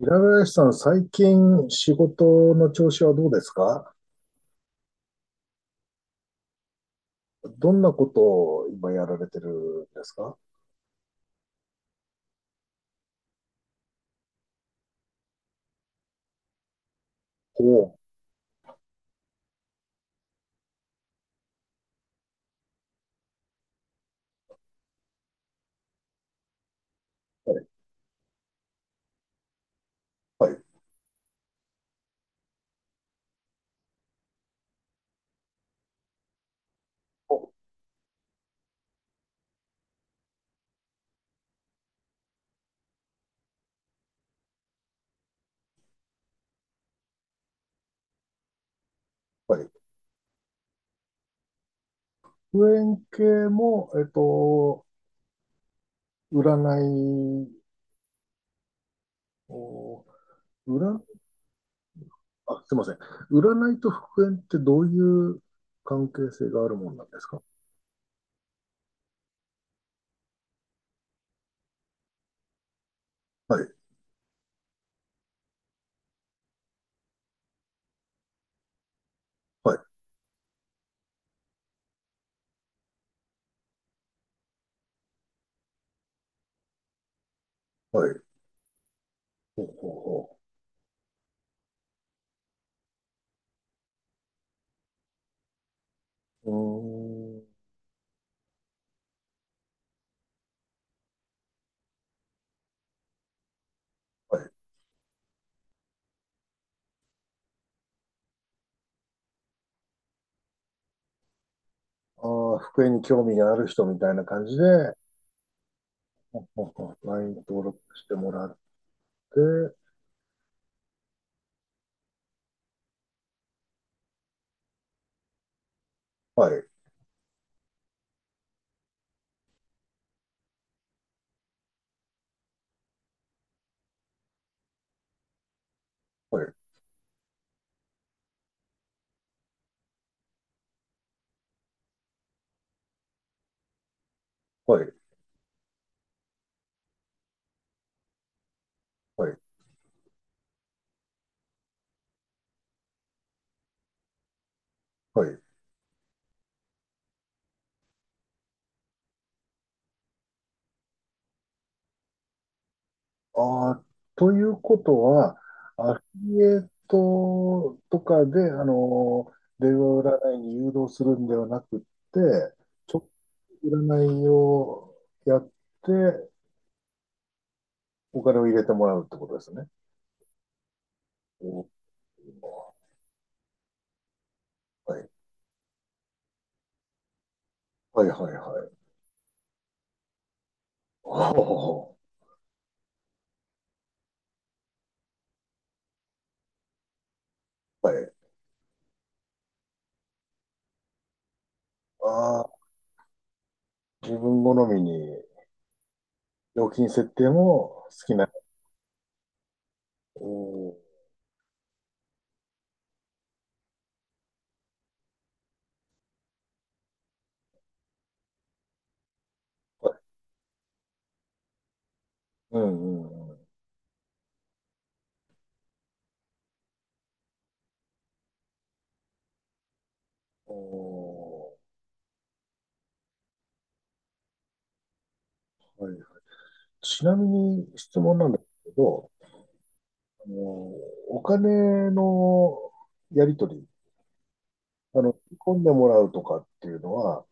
平林さん、最近仕事の調子はどうですか？どんなことを今やられてるんですか？おおー、はい、はい、お、はい。復縁系も、占いを、占、あ、すいません。占いと復縁ってどういう関係性があるもんなんですか？はい、はい、はい。ほうほうほう。うーん、はい。ああ、復縁に興味がある人みたいな感じで、ほうほうほう、 LINE 登録してもらっえー、はい、はい、はい、はい、はい。ああ、ということは、アフィリエイトとかで、電話占いに誘導するんではなくって、直接占いをやって、お金を入れてもらうってことですね。お、はい、はい、はい、はい。おー、はい。ああ、自分好みに料金設定も好きな。おー、はい、うん、うん、うん。おー、はい、ちなみに質問なんですけど、あの、お金のやり取り、振り込んでもらうとかっていうのは、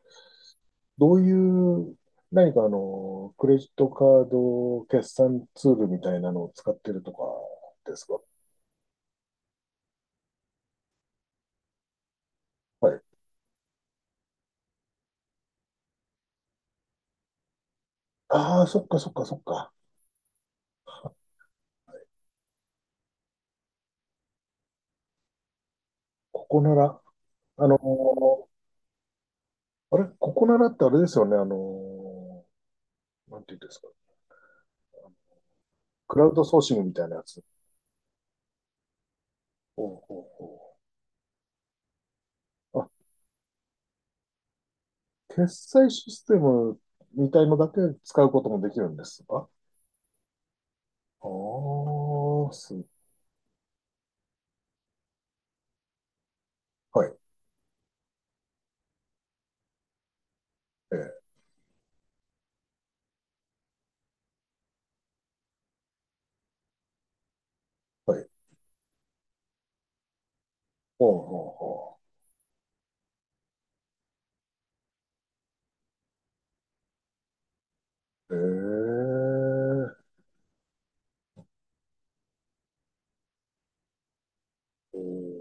どういう、何かクレジットカード決算ツールみたいなのを使ってるとかですか？はい。ああ、そっかそっかそっか。ここなら、あの、あれ、ここならってあれですよね、なんていうんですか。クラウドソーシングみたいなやつ。ほうほうほう。決済システムみたいのだけ使うこともできるんですか？ああ、す、はい、ええ、はい。ほうほうほう。ええ、うん。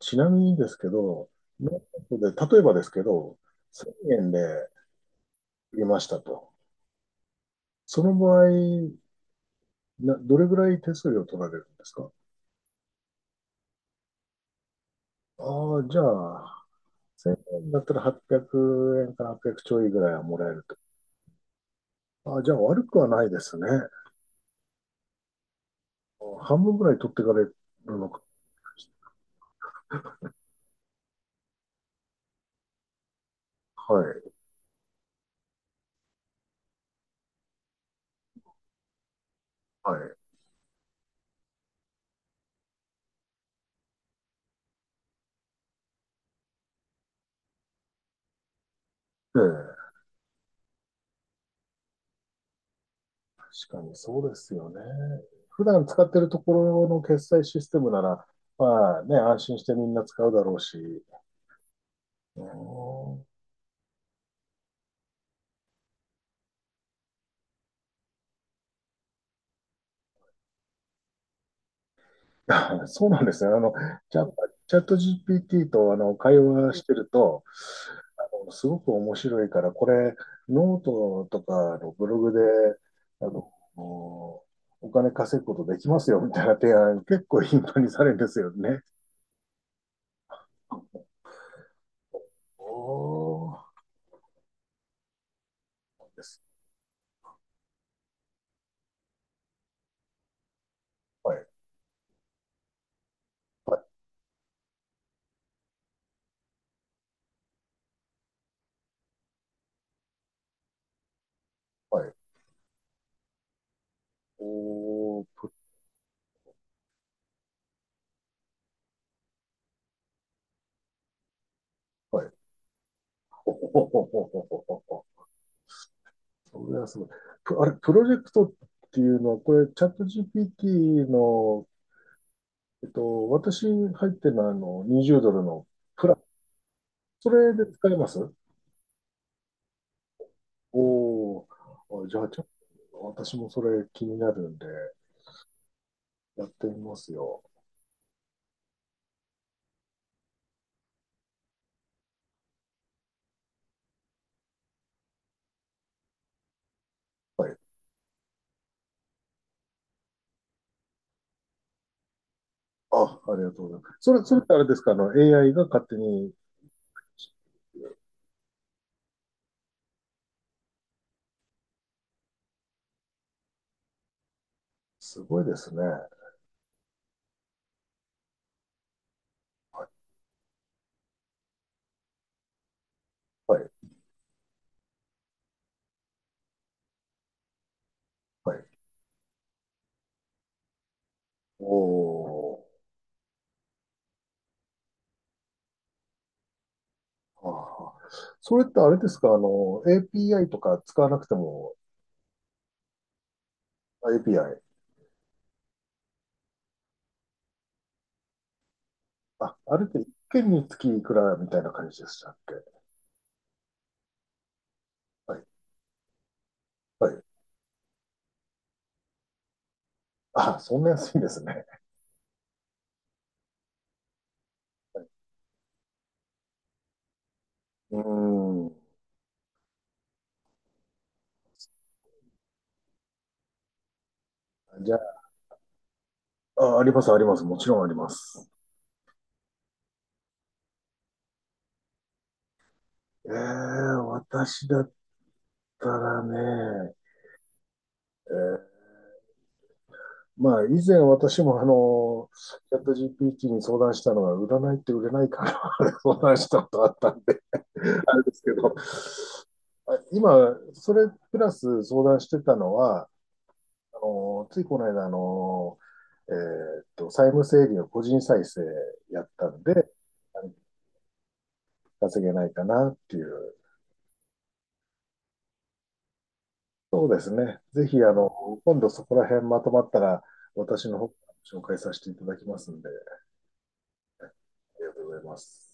ちなみにですけど、なので、例えばですけど、1000円で売りましたと。その場合、な、どれぐらい手数料取られるんですか？ああ、じゃあ、1000円だったら800円から800ちょいぐらいはもらえると。ああ、じゃあ悪くはないですね。半分ぐらい取ってかれるのか。はい。はい。ええ。確かにそうですよね。普段使ってるところの決済システムなら、まあね、安心してみんな使うだろうし。うん。 そうなんですね。あの、チャチャット GPT とあの会話してると、あのすごく面白いから、これ、ノートとかのブログで、あの、お金稼ぐことできますよみたいな提案、結構頻繁にされるんですよね。おー、です。はい、はい、はい。おー、プ、はい。ほほほほほほほほ。それはすごい。プ、あれ、プロジェクトっていうのは、これ、チャット GPT の、私入ってるのは、20ドルのプラン、それで使えます？おー、あじゃあ、ちょっと、私もそれ気になるんで、やってみますよ。はい。あ、ありがとうございます。それってあれですか、AI が勝手に、すごいですね。はい、はい。おー。ああ。それってあれですか、API とか使わなくても、あ、 API。あ、あれって一件につきいくらみたいな感じでしたっけ？はい。はい。あ、そんな安いんですね。うーん。じゃあ、あ、あります、あります。もちろんあります。私だったらね、まあ、以前私もチャット GPT に相談したのが、占いって売れないから 相談したことあったんで あれですけど、あ、今、それプラス相談してたのは、ついこの間、債務整理の個人再生やったんで、あの稼げないかなっていう。そうですね。ぜひ、今度そこら辺まとまったら、私の方から紹介させていただきますんで、ありがとうございます。